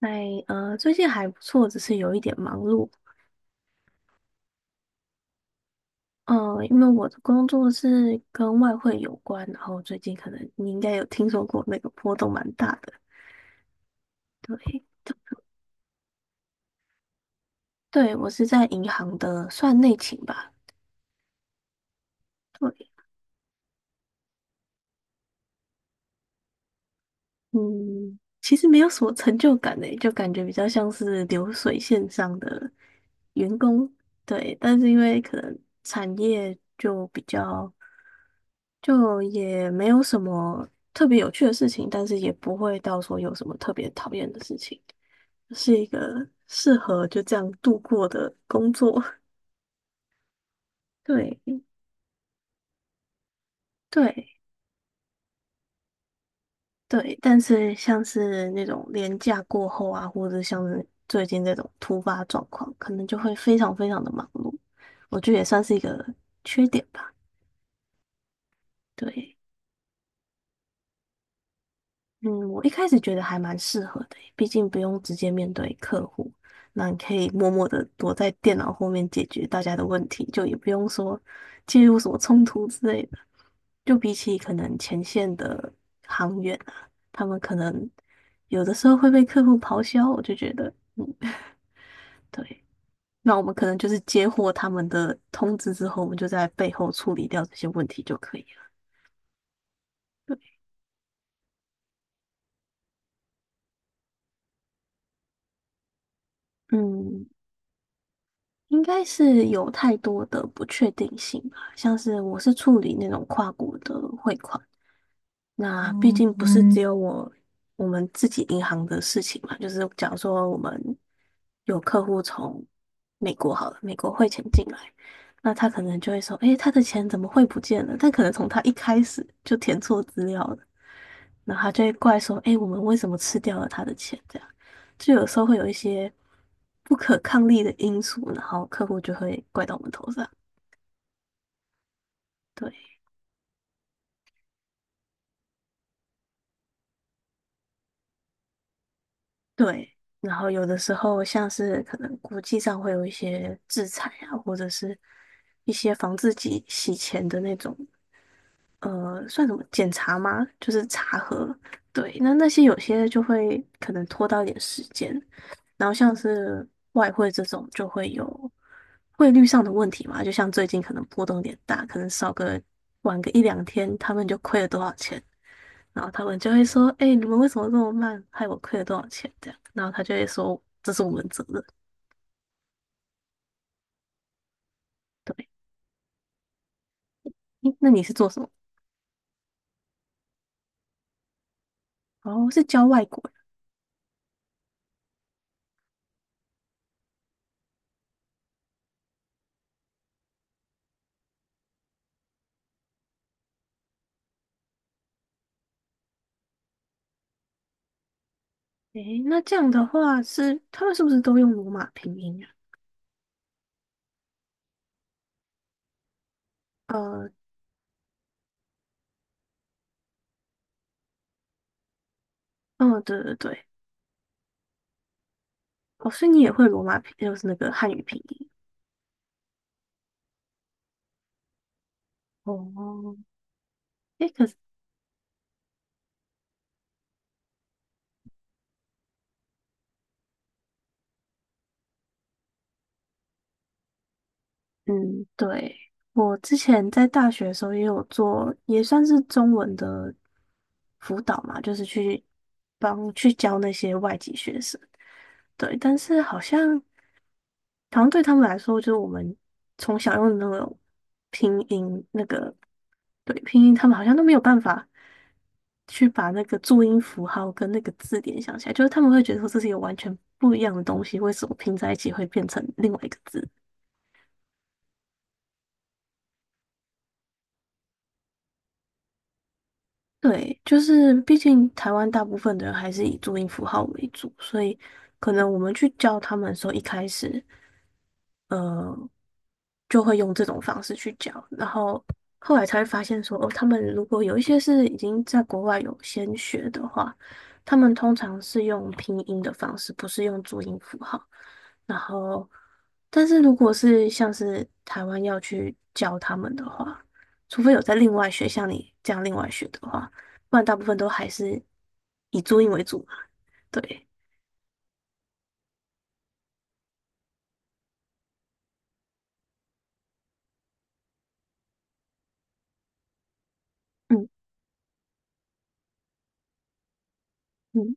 哎，最近还不错，只是有一点忙碌。嗯、因为我的工作是跟外汇有关，然后最近可能你应该有听说过那个波动蛮大的。对。对，我是在银行的算内勤吧。对。嗯，其实没有什么成就感诶，就感觉比较像是流水线上的员工。对，但是因为可能产业就比较就也没有什么特别有趣的事情，但是也不会到说有什么特别讨厌的事情，是一个适合就这样度过的工作。对对对，但是像是那种年假过后啊，或者像是最近这种突发状况，可能就会非常非常的忙碌，我觉得也算是一个缺点吧。对。嗯，我一开始觉得还蛮适合的耶，毕竟不用直接面对客户，那你可以默默的躲在电脑后面解决大家的问题，就也不用说介入什么冲突之类的。就比起可能前线的航员啊，他们可能有的时候会被客户咆哮，我就觉得，嗯，对，那我们可能就是接获他们的通知之后，我们就在背后处理掉这些问题就可以了。嗯，应该是有太多的不确定性吧，像是我是处理那种跨国的汇款，那毕竟不是只有我们自己银行的事情嘛，就是假如说我们有客户从美国好了，美国汇钱进来，那他可能就会说，诶，他的钱怎么汇不见了？但可能从他一开始就填错资料了，然后他就会怪说：“哎，我们为什么吃掉了他的钱？”这样，就有时候会有一些不可抗力的因素，然后客户就会怪到我们头上。对对，然后有的时候像是可能国际上会有一些制裁啊，或者是一些防自己洗钱的那种算什么检查吗？就是查核。对，那那些有些就会可能拖到一点时间，然后像是外汇这种就会有汇率上的问题嘛，就像最近可能波动有点大，可能少个晚个一两天，他们就亏了多少钱，然后他们就会说：“哎、你们为什么这么慢，害我亏了多少钱？”这样，然后他就会说：“这是我们责任。”对。诶，那你是做什么？哦，是教外国人。诶，那这样的话是他们是不是都用罗马拼音啊？呃，哦，对对对。哦，所以你也会罗马拼，就是那个汉语拼音。哦。诶，可是，嗯，对，我之前在大学的时候也有做，也算是中文的辅导嘛，就是去帮去教那些外籍学生。对，但是好像。好像对他们来说，就是我们从小用的那种拼音，那个对拼音，他们好像都没有办法去把那个注音符号跟那个字典想起来，就是他们会觉得说这是一个完全不一样的东西，为什么拼在一起会变成另外一个字？对，就是毕竟台湾大部分的人还是以注音符号为主，所以可能我们去教他们的时候，一开始。呃。就会用这种方式去教，然后后来才会发现说，哦，他们如果有一些是已经在国外有先学的话，他们通常是用拼音的方式，不是用注音符号。然后，但是如果是像是台湾要去教他们的话，除非有在另外学，像你这样另外学的话，不然大部分都还是以注音为主嘛。对，嗯嗯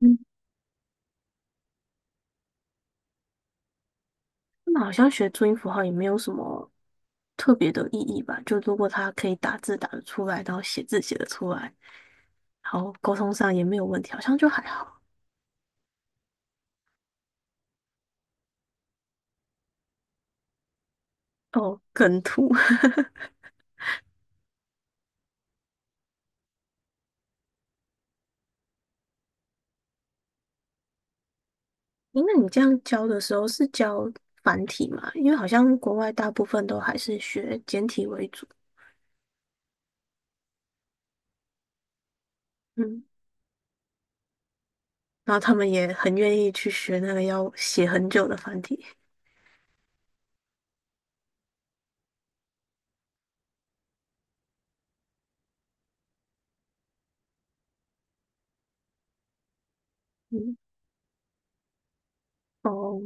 嗯。那好像学注音符号也没有什么特别的意义吧？就如果他可以打字打得出来，然后写字写得出来，然后沟通上也没有问题，好像就还好。哦，梗图。诶，那你这样教的时候是教繁体吗？因为好像国外大部分都还是学简体为主。嗯，然后他们也很愿意去学那个要写很久的繁体。嗯，哦，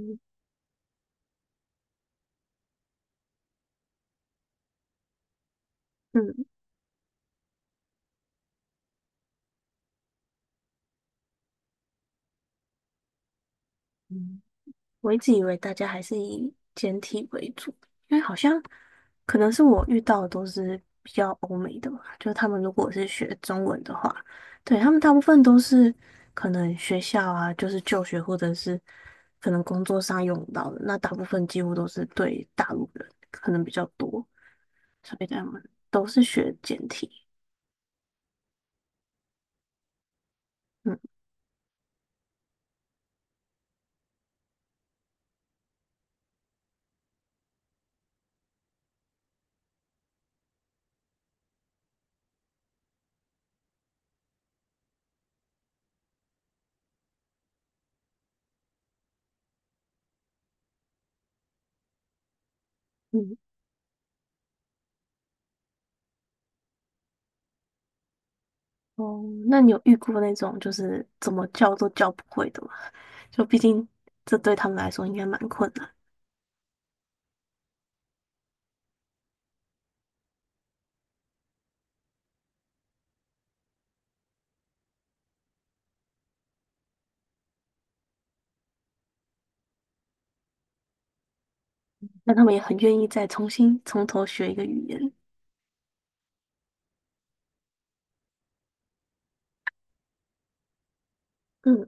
嗯嗯。我一直以为大家还是以简体为主，因为好像可能是我遇到的都是比较欧美的嘛，就是他们如果是学中文的话，对，他们大部分都是可能学校啊，就是就学或者是可能工作上用到的，那大部分几乎都是对大陆人可能比较多，所以他们都是学简体。嗯。嗯，哦，那你有遇过那种就是怎么叫都叫不会的吗？就毕竟这对他们来说应该蛮困难，但他们也很愿意再重新从头学一个语言。嗯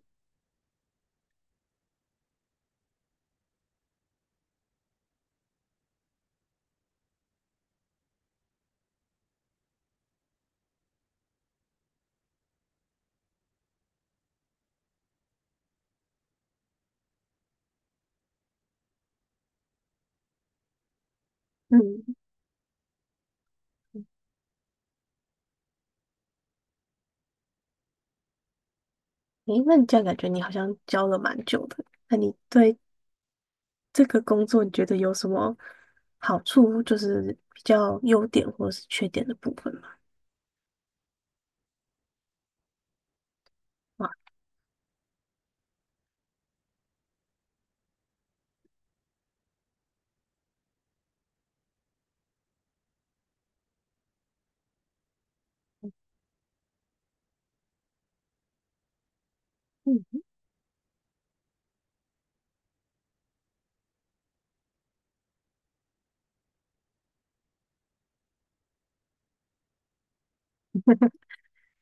嗯，诶，那你这样感觉你好像教了蛮久的，那你对这个工作你觉得有什么好处，就是比较优点或者是缺点的部分吗？哇。嗯，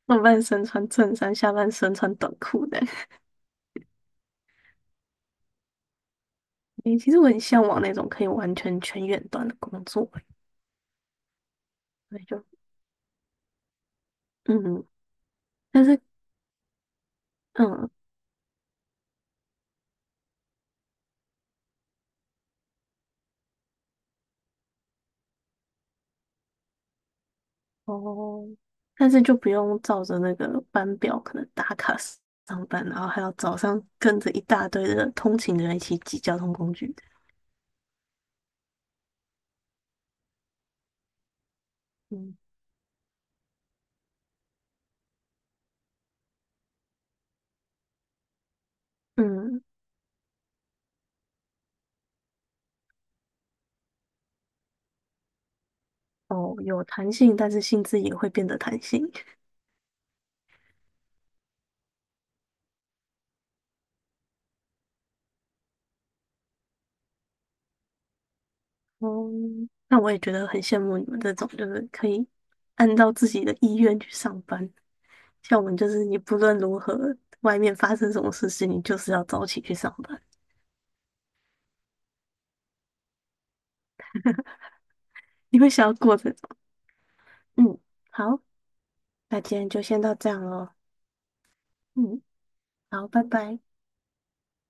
上半身穿衬衫，下半身穿短裤的。诶，其实我很向往那种可以完全全远端的工作欸，所以就嗯，但是嗯哦，但是就不用照着那个班表可能打卡上班，然后还要早上跟着一大堆的通勤的人一起挤交通工具。的。嗯。嗯，哦，有弹性，但是性质也会变得弹性。哦，那我也觉得很羡慕你们这种，就是可以按照自己的意愿去上班。像我们就是，你不论如何，外面发生什么事情，你就是要早起去上班。你会想要过这种？嗯，好，那今天就先到这样咯。嗯，好，拜拜。